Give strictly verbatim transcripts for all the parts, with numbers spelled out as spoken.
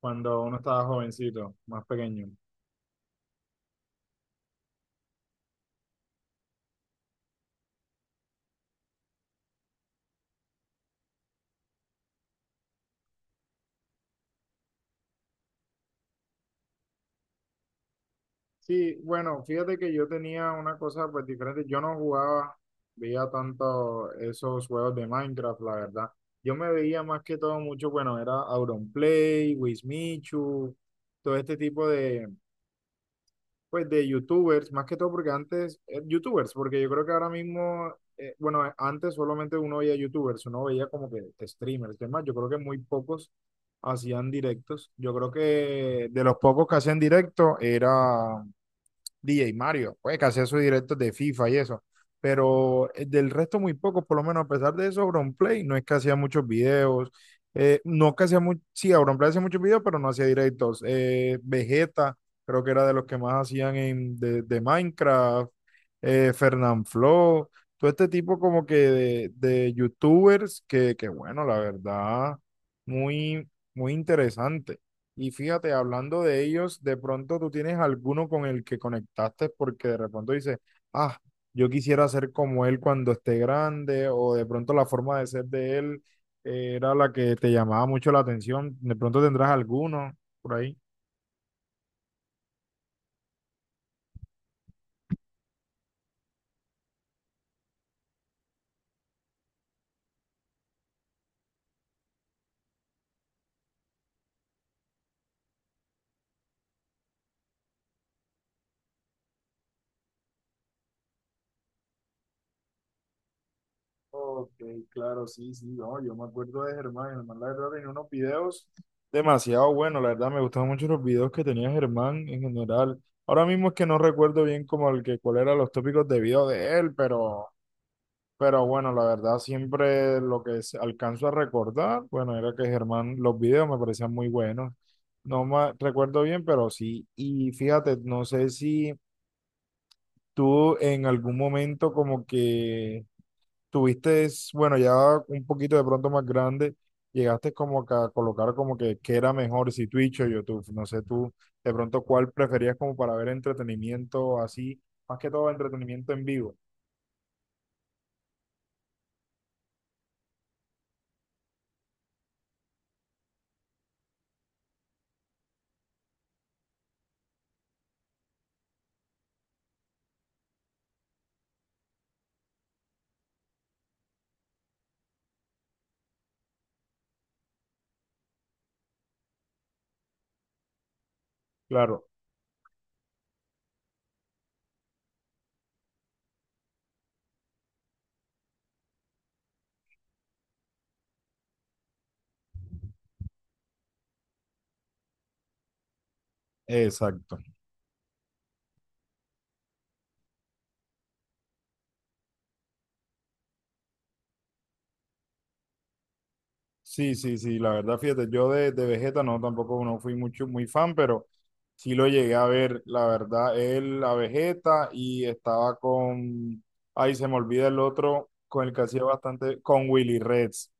Cuando uno estaba jovencito, más pequeño. Sí, bueno, fíjate que yo tenía una cosa pues diferente. Yo no jugaba, veía tanto esos juegos de Minecraft, la verdad. Yo me veía más que todo mucho, bueno, era Auronplay, Wismichu, todo este tipo de, pues de youtubers, más que todo porque antes, eh, youtubers, porque yo creo que ahora mismo, eh, bueno, eh, antes solamente uno veía youtubers, uno veía como que streamers, demás, yo creo que muy pocos hacían directos. Yo creo que de los pocos que hacían directo era D J Mario, pues que hacía sus directos de FIFA y eso. Pero eh, del resto muy pocos, por lo menos a pesar de eso, Auronplay no es que hacía muchos videos. Eh, no que hacía mucho, sí, Auronplay hacía muchos videos, pero no hacía directos. Eh, Vegeta, creo que era de los que más hacían en, de, de Minecraft. Eh, Fernanfloo, todo este tipo como que de, de youtubers que, que bueno, la verdad, muy, muy interesante. Y fíjate, hablando de ellos, de pronto tú tienes alguno con el que conectaste porque de pronto dices, ah, yo quisiera ser como él cuando esté grande, o de pronto la forma de ser de él eh, era la que te llamaba mucho la atención. De pronto tendrás alguno por ahí. Ok, claro, sí, sí, no, yo me acuerdo de Germán. Germán la verdad tenía unos videos demasiado buenos, la verdad me gustaban mucho los videos que tenía Germán en general. Ahora mismo es que no recuerdo bien como el que cuál eran los tópicos de video de él, pero Pero bueno, la verdad, siempre lo que s- alcanzo a recordar, bueno, era que Germán, los videos me parecían muy buenos. No me recuerdo bien, pero sí. Y fíjate, no sé si tú en algún momento como que tuviste, es- bueno, ya un poquito de pronto más grande, llegaste como que a colocar como que qué era mejor, si Twitch o YouTube. No sé tú, de pronto cuál preferías como para ver entretenimiento así, más que todo entretenimiento en vivo. Claro, exacto. Sí, sí, sí, la verdad, fíjate, yo de, de Vegeta no, tampoco no fui mucho, muy fan, pero sí lo llegué a ver, la verdad, él a Vegeta y estaba con, ay, se me olvida el otro, con el que hacía bastante, con Willy Reds,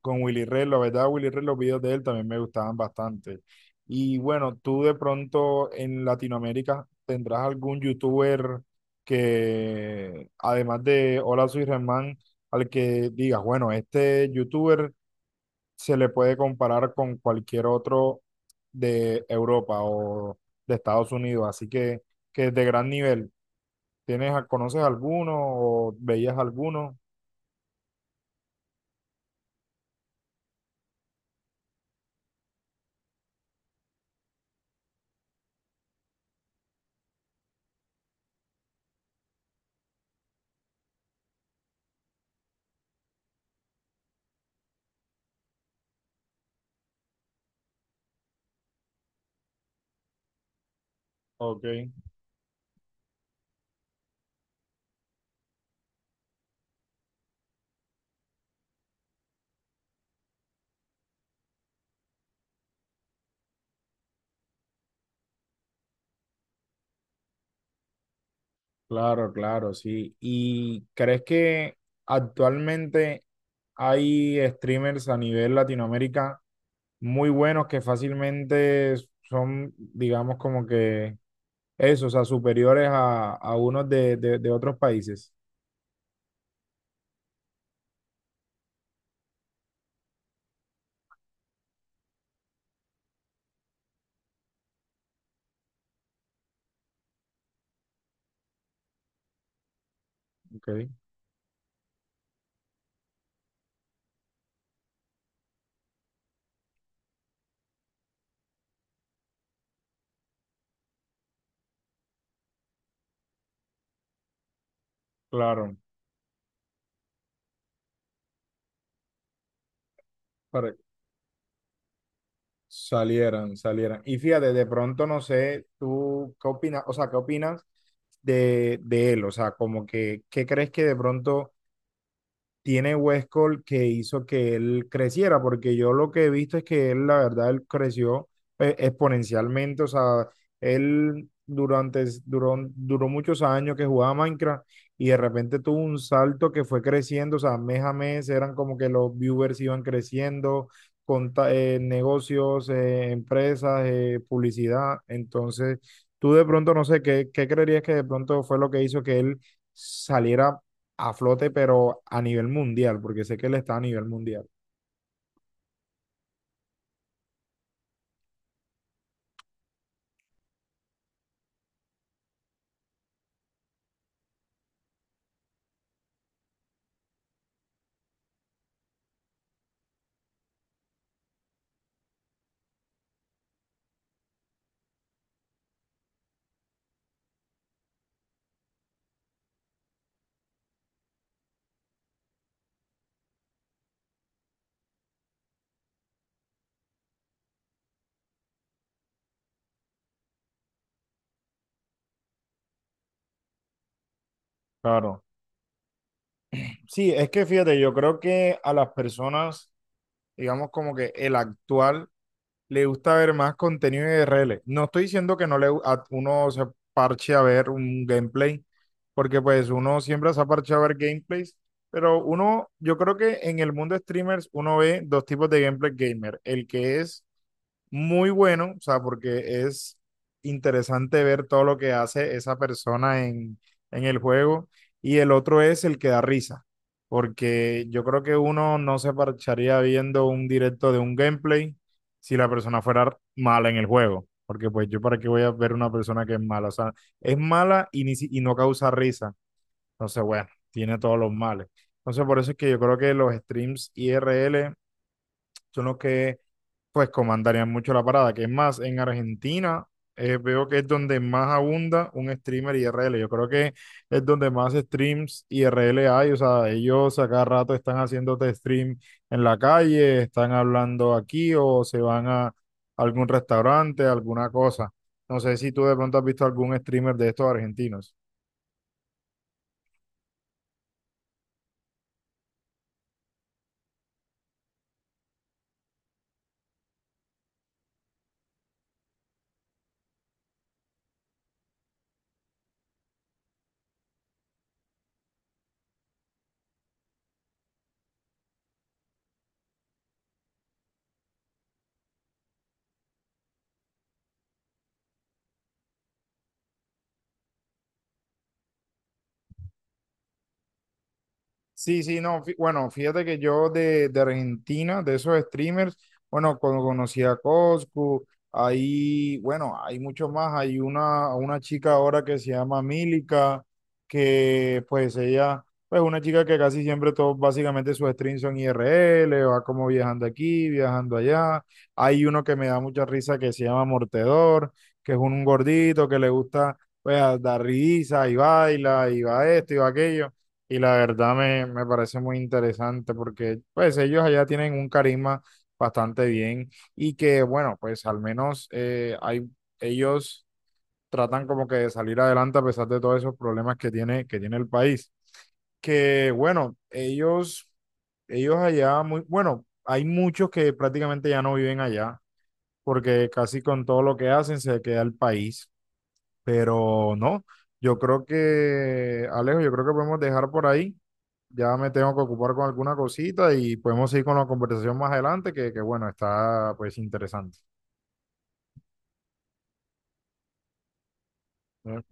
con Willy Reds, la verdad, Willy Reds, los videos de él también me gustaban bastante. Y bueno, tú de pronto en Latinoamérica tendrás algún youtuber que, además de Hola Soy Germán, al que digas, bueno, este youtuber se le puede comparar con cualquier otro de Europa o de Estados Unidos. Así que, que es de gran nivel. ¿Tienes, a- conoces alguno o veías alguno? Ok, claro, claro, sí. ¿Y crees que actualmente hay streamers a nivel Latinoamérica muy buenos que fácilmente son, digamos, como que eso, o sea, superiores a, a unos de, de, de otros países? Ok, claro. Pare- Salieran, salieran. Y fíjate, de pronto no sé, tú qué opinas, o sea, qué opinas de, de él, o sea, como que, ¿qué crees que de pronto tiene Westcol que hizo que él creciera? Porque yo lo que he visto es que él, la verdad, él creció eh, exponencialmente, o sea, él durante, duró, duró muchos años que jugaba Minecraft y de repente tuvo un salto que fue creciendo, o sea, mes a mes eran como que los viewers iban creciendo, conta- eh, negocios, eh, empresas, eh, publicidad. Entonces tú de pronto, no sé, ¿qué, qué creerías que de pronto fue lo que hizo que él saliera a flote, pero a nivel mundial, porque sé que él está a nivel mundial? Claro. Sí, es que fíjate, yo creo que a las personas, digamos como que el actual, le gusta ver más contenido de R L. No estoy diciendo que no le a uno se parche a ver un gameplay, porque pues uno siempre se ha parcheado a ver gameplays, pero uno, yo creo que en el mundo de streamers uno ve dos tipos de gameplay gamer, el que es muy bueno, o sea, porque es interesante ver todo lo que hace esa persona en, en el juego. Y el otro es el que da risa, porque yo creo que uno no se parcharía viendo un directo de un gameplay si la persona fuera mala en el juego. Porque pues yo para qué voy a ver una persona que es mala. O sea, es mala y, ni si- y no causa risa. Entonces, bueno, tiene todos los males. Entonces, por eso es que yo creo que los streams I r l son los que pues comandarían mucho la parada. Que es más, en Argentina eh, veo que es donde más abunda un streamer I R L. Yo creo que es donde más streams I R L hay. O sea, ellos a cada rato están haciéndote stream en la calle, están hablando aquí o se van a algún restaurante, alguna cosa. No sé si tú de pronto has visto algún streamer de estos argentinos. Sí, sí, no, fí- bueno, fíjate que yo de, de Argentina, de esos streamers, bueno, cuando conocí a Coscu, ahí, bueno, hay mucho más, hay una, una chica ahora que se llama Milica, que pues ella, pues una chica que casi siempre todos, básicamente sus streams son I R L, va como viajando aquí, viajando allá, hay uno que me da mucha risa que se llama Mortedor, que es un gordito que le gusta, pues, dar risa y baila, y va esto y va aquello. Y la verdad me, me parece muy interesante porque pues ellos allá tienen un carisma bastante bien y que bueno, pues al menos eh, hay, ellos tratan como que de salir adelante a pesar de todos esos problemas que tiene, que tiene el país. Que bueno, ellos, ellos allá muy, bueno, hay muchos que prácticamente ya no viven allá porque casi con todo lo que hacen se queda el país, pero no, yo creo que, Alejo, yo creo que podemos dejar por ahí. Ya me tengo que ocupar con alguna cosita y podemos seguir con la conversación más adelante, que, que bueno, está pues interesante. ¿Eh?